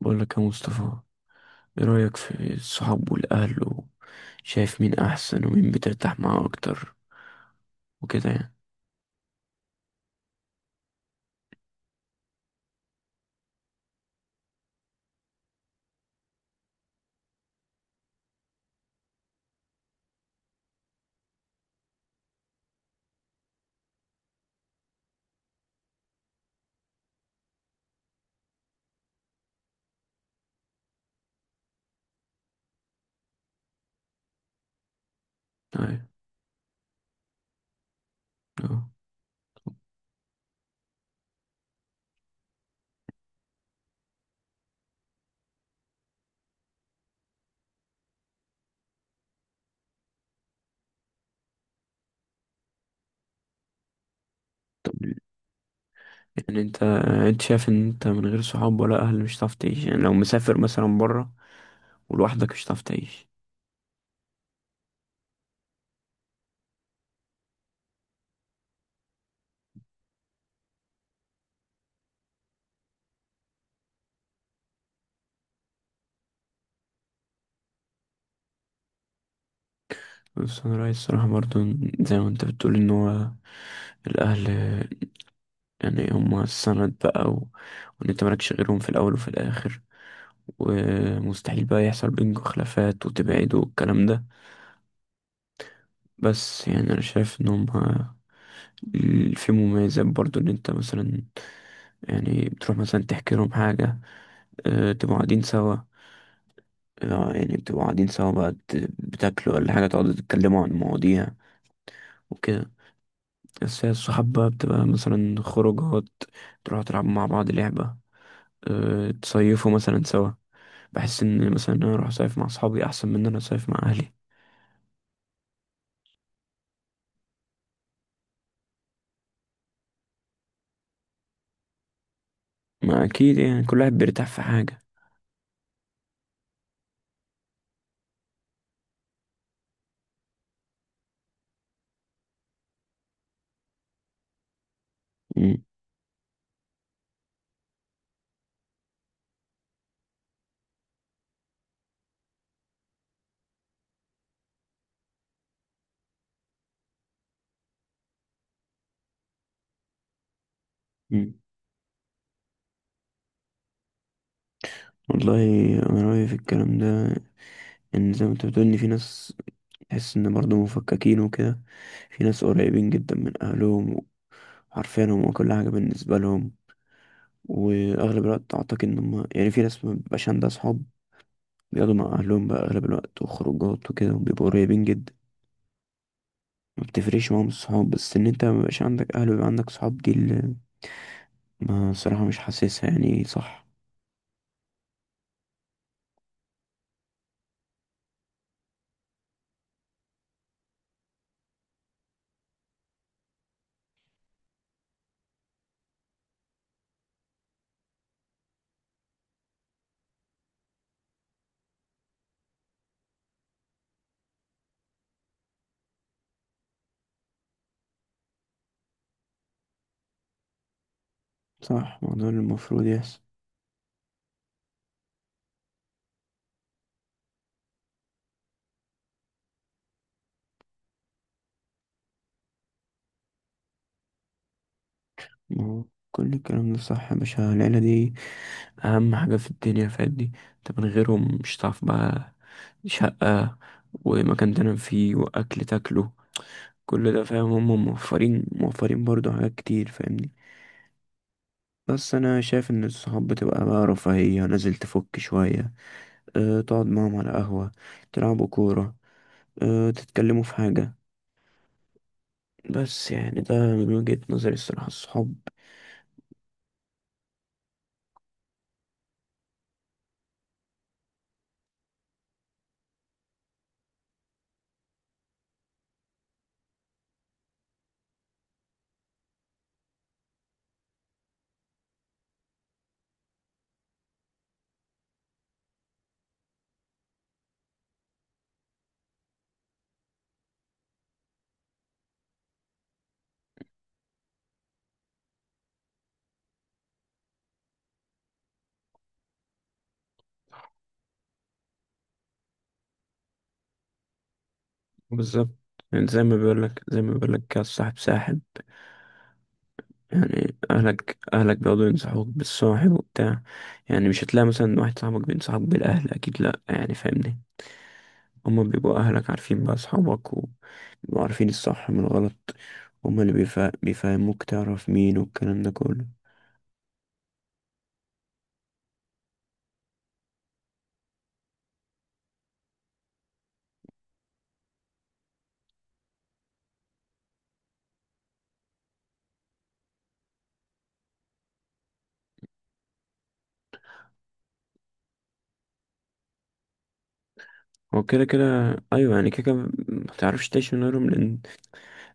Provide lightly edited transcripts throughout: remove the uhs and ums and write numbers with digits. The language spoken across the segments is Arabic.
بقول لك يا مصطفى، ايه رأيك في الصحاب والأهل وشايف مين أحسن ومين بترتاح معاه أكتر وكده يعني؟ أيوة. أه. طب يعني انت شايف ان انت من غير صحاب ولا أهل مش هتعرف تعيش؟ يعني لو مسافر مثلا برا ولوحدك مش هتعرف تعيش. بس انا رأيي الصراحة برضو زي ما انت بتقول ان هو الاهل، يعني هما السند بقى. و... وان انت مالكش غيرهم في الاول وفي الاخر، ومستحيل بقى يحصل بينكم خلافات وتبعدوا والكلام ده. بس يعني انا شايف ان هما في مميزات برضو ان انت مثلا، يعني بتروح مثلا تحكي لهم حاجة، تبقوا قاعدين سوا. يعني بتبقوا قاعدين سوا بقى بتاكلوا ولا حاجة، تقعدوا تتكلموا عن مواضيع وكده. بس هي الصحاب بقى بتبقى مثلا خروجات، تروحوا تلعبوا مع بعض لعبة، تصيفوا مثلا سوا. بحس إن مثلا أنا أروح أصيف مع أصحابي أحسن من إن أنا أصيف مع أهلي. ما أكيد يعني كل واحد بيرتاح في حاجة. مم. مم. والله، أنا رأيي في الكلام ده إن زي ما أنت بتقول إن في ناس تحس إن برضه مفككين وكده، في ناس قريبين جدا من أهلهم وعارفينهم وكل حاجة بالنسبة لهم. وأغلب الوقت أعتقد إن هم، يعني في ناس مبيبقاش عندها صحاب، بيقعدوا مع أهلهم بقى أغلب الوقت وخروجات وكده وبيبقوا قريبين جدا. ما بتفرقش معاهم الصحاب، بس إن أنت مبقاش عندك أهل ويبقى عندك صحاب دي اللي، ما الصراحة مش حاسسها يعني. صح. صح، ما هو ده اللي المفروض يحصل. ما هو كل الكلام ده صح يا باشا، العيلة دي أهم حاجة في الدنيا فادي. أنت من غيرهم مش هتعرف بقى شقة ومكان تنام فيه وأكل تاكله، كل ده. فاهم، هم موفرين موفرين برضو حاجات كتير، فاهمني. بس انا شايف ان الصحاب بتبقى بقى رفاهية، نازل تفك شوية، تقعد معاهم على قهوة، تلعبوا كورة، تتكلموا في حاجة. بس يعني ده من وجهة نظري الصراحة، الصحاب. بالظبط، يعني زي ما بيقولك كده الصاحب ساحب. يعني أهلك بيقعدوا ينصحوك بالصاحب وبتاع. يعني مش هتلاقي مثلا واحد صاحبك بينصحك بالأهل، أكيد لأ، يعني فاهمني. هما بيبقوا أهلك عارفين بقى أصحابك، بيبقوا عارفين الصح من الغلط. هما اللي بيفهموك تعرف مين والكلام ده كله. هو كده كده. ايوه يعني كده كده، ما تعرفش تعيش من غيرهم، لان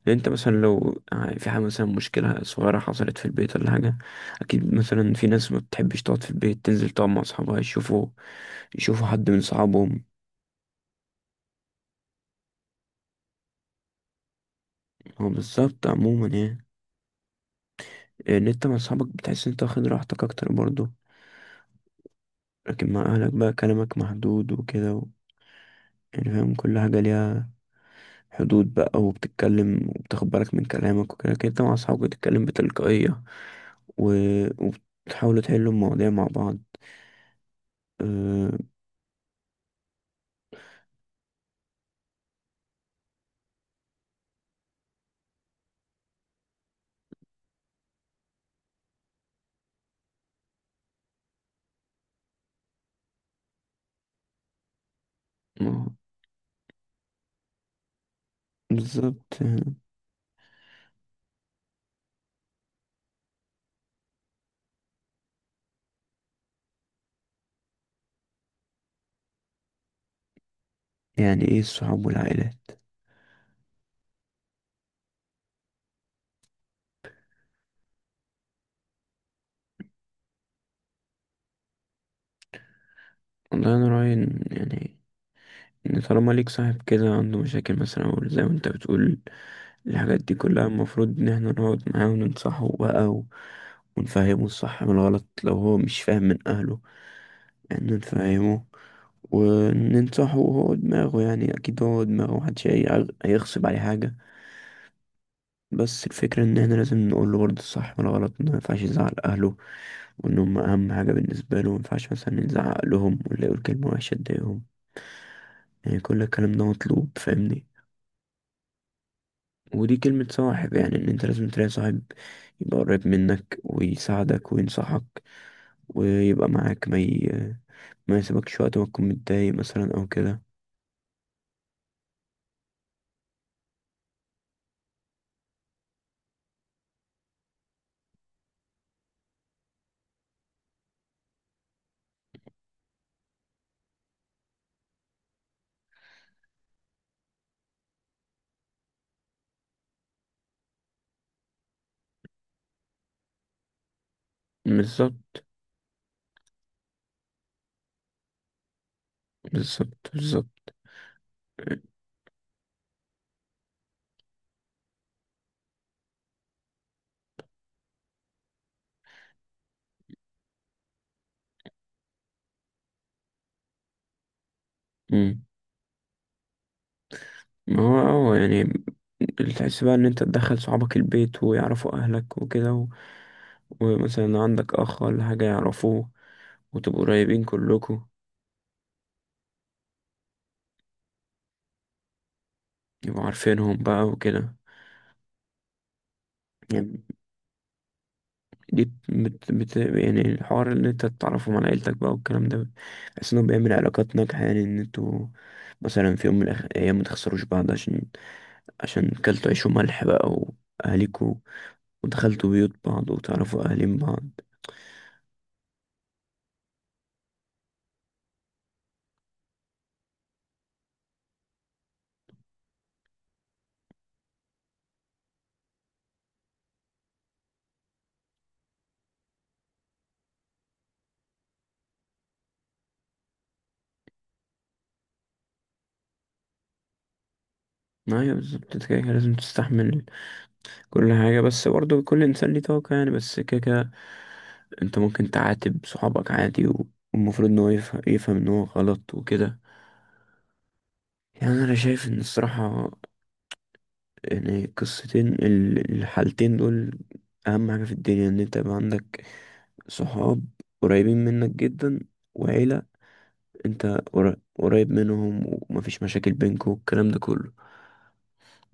لان انت مثلا لو في حاجه، مثلا مشكله صغيره حصلت في البيت ولا حاجه، اكيد مثلا في ناس ما بتحبش تقعد في البيت، تنزل تقعد مع اصحابها، يشوفوا حد من صحابهم. هو بالظبط عموما، يعني ان انت مع صحابك بتحس ان انت واخد راحتك اكتر برضه. لكن مع اهلك بقى كلامك محدود وكده. يعني فاهم، كل حاجه ليها حدود بقى، وبتتكلم وبتاخد بالك من كلامك، وكده كده انت مع أصحابك بتتكلم بتلقائية و... وبتحاولوا تحلوا المواضيع مع بعض أه... ما- بالظبط. يعني ايه الصحاب والعائلات؟ والله، أنا رأيي إن، يعني إن طالما ليك صاحب كده عنده مشاكل مثلا أو زي ما انت بتقول الحاجات دي كلها، المفروض إن احنا نقعد معاه وننصحه بقى. ونفهمه الصح من الغلط لو هو مش فاهم من أهله، يعني نفهمه وننصحه. هو دماغه، يعني اكيد هو دماغه محدش هيغصب عليه حاجه. بس الفكره ان احنا لازم نقول له برضه الصح ولا غلط، إنه ما ينفعش يزعل اهله وان هم اهم حاجه بالنسبه له، ما ينفعش مثلا نزعق لهم ولا يقول كلمه وحشه تضايقهم. يعني كل الكلام ده مطلوب، فاهمني. ودي كلمه صاحب، يعني ان انت لازم تلاقي صاحب يبقى قريب منك ويساعدك وينصحك ويبقى معاك، ما يسيبكش وقت ما تكون متضايق مثلا او كده. بالظبط. بالظبط. بالظبط. مم. ما هو يعني تحس بقى ان انت تدخل صحابك البيت ويعرفوا اهلك وكده. ومثلا عندك اخ ولا حاجة يعرفوه، وتبقوا قريبين كلكوا. يبقوا عارفينهم بقى وكده. يعني دي يعني الحوار ان انت تتعرفهم على عيلتك بقى والكلام ده. بحس انه بيعمل علاقات ناجحة، يعني ان انتوا مثلا في يوم من الايام ما تخسروش بعض، عشان كلتوا عيش وملح بقى واهاليكوا. ودخلتوا بيوت بعض وتعرفوا اهالين بعض. ايوه بالظبط، كده كده لازم تستحمل كل حاجة، بس برضو كل إنسان ليه طاقة، يعني بس كده كده. أنت ممكن تعاتب صحابك عادي والمفروض إن هو يفهم إن هو غلط وكده. يعني أنا شايف إن الصراحة، يعني الحالتين دول أهم حاجة في الدنيا، إن أنت يبقى عندك صحاب قريبين منك جدا، وعيلة أنت قريب منهم، ومفيش مشاكل بينكوا والكلام ده كله.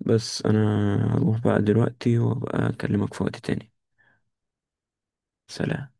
بس أنا هروح بقى دلوقتي وأبقى أكلمك في وقت تاني. سلام.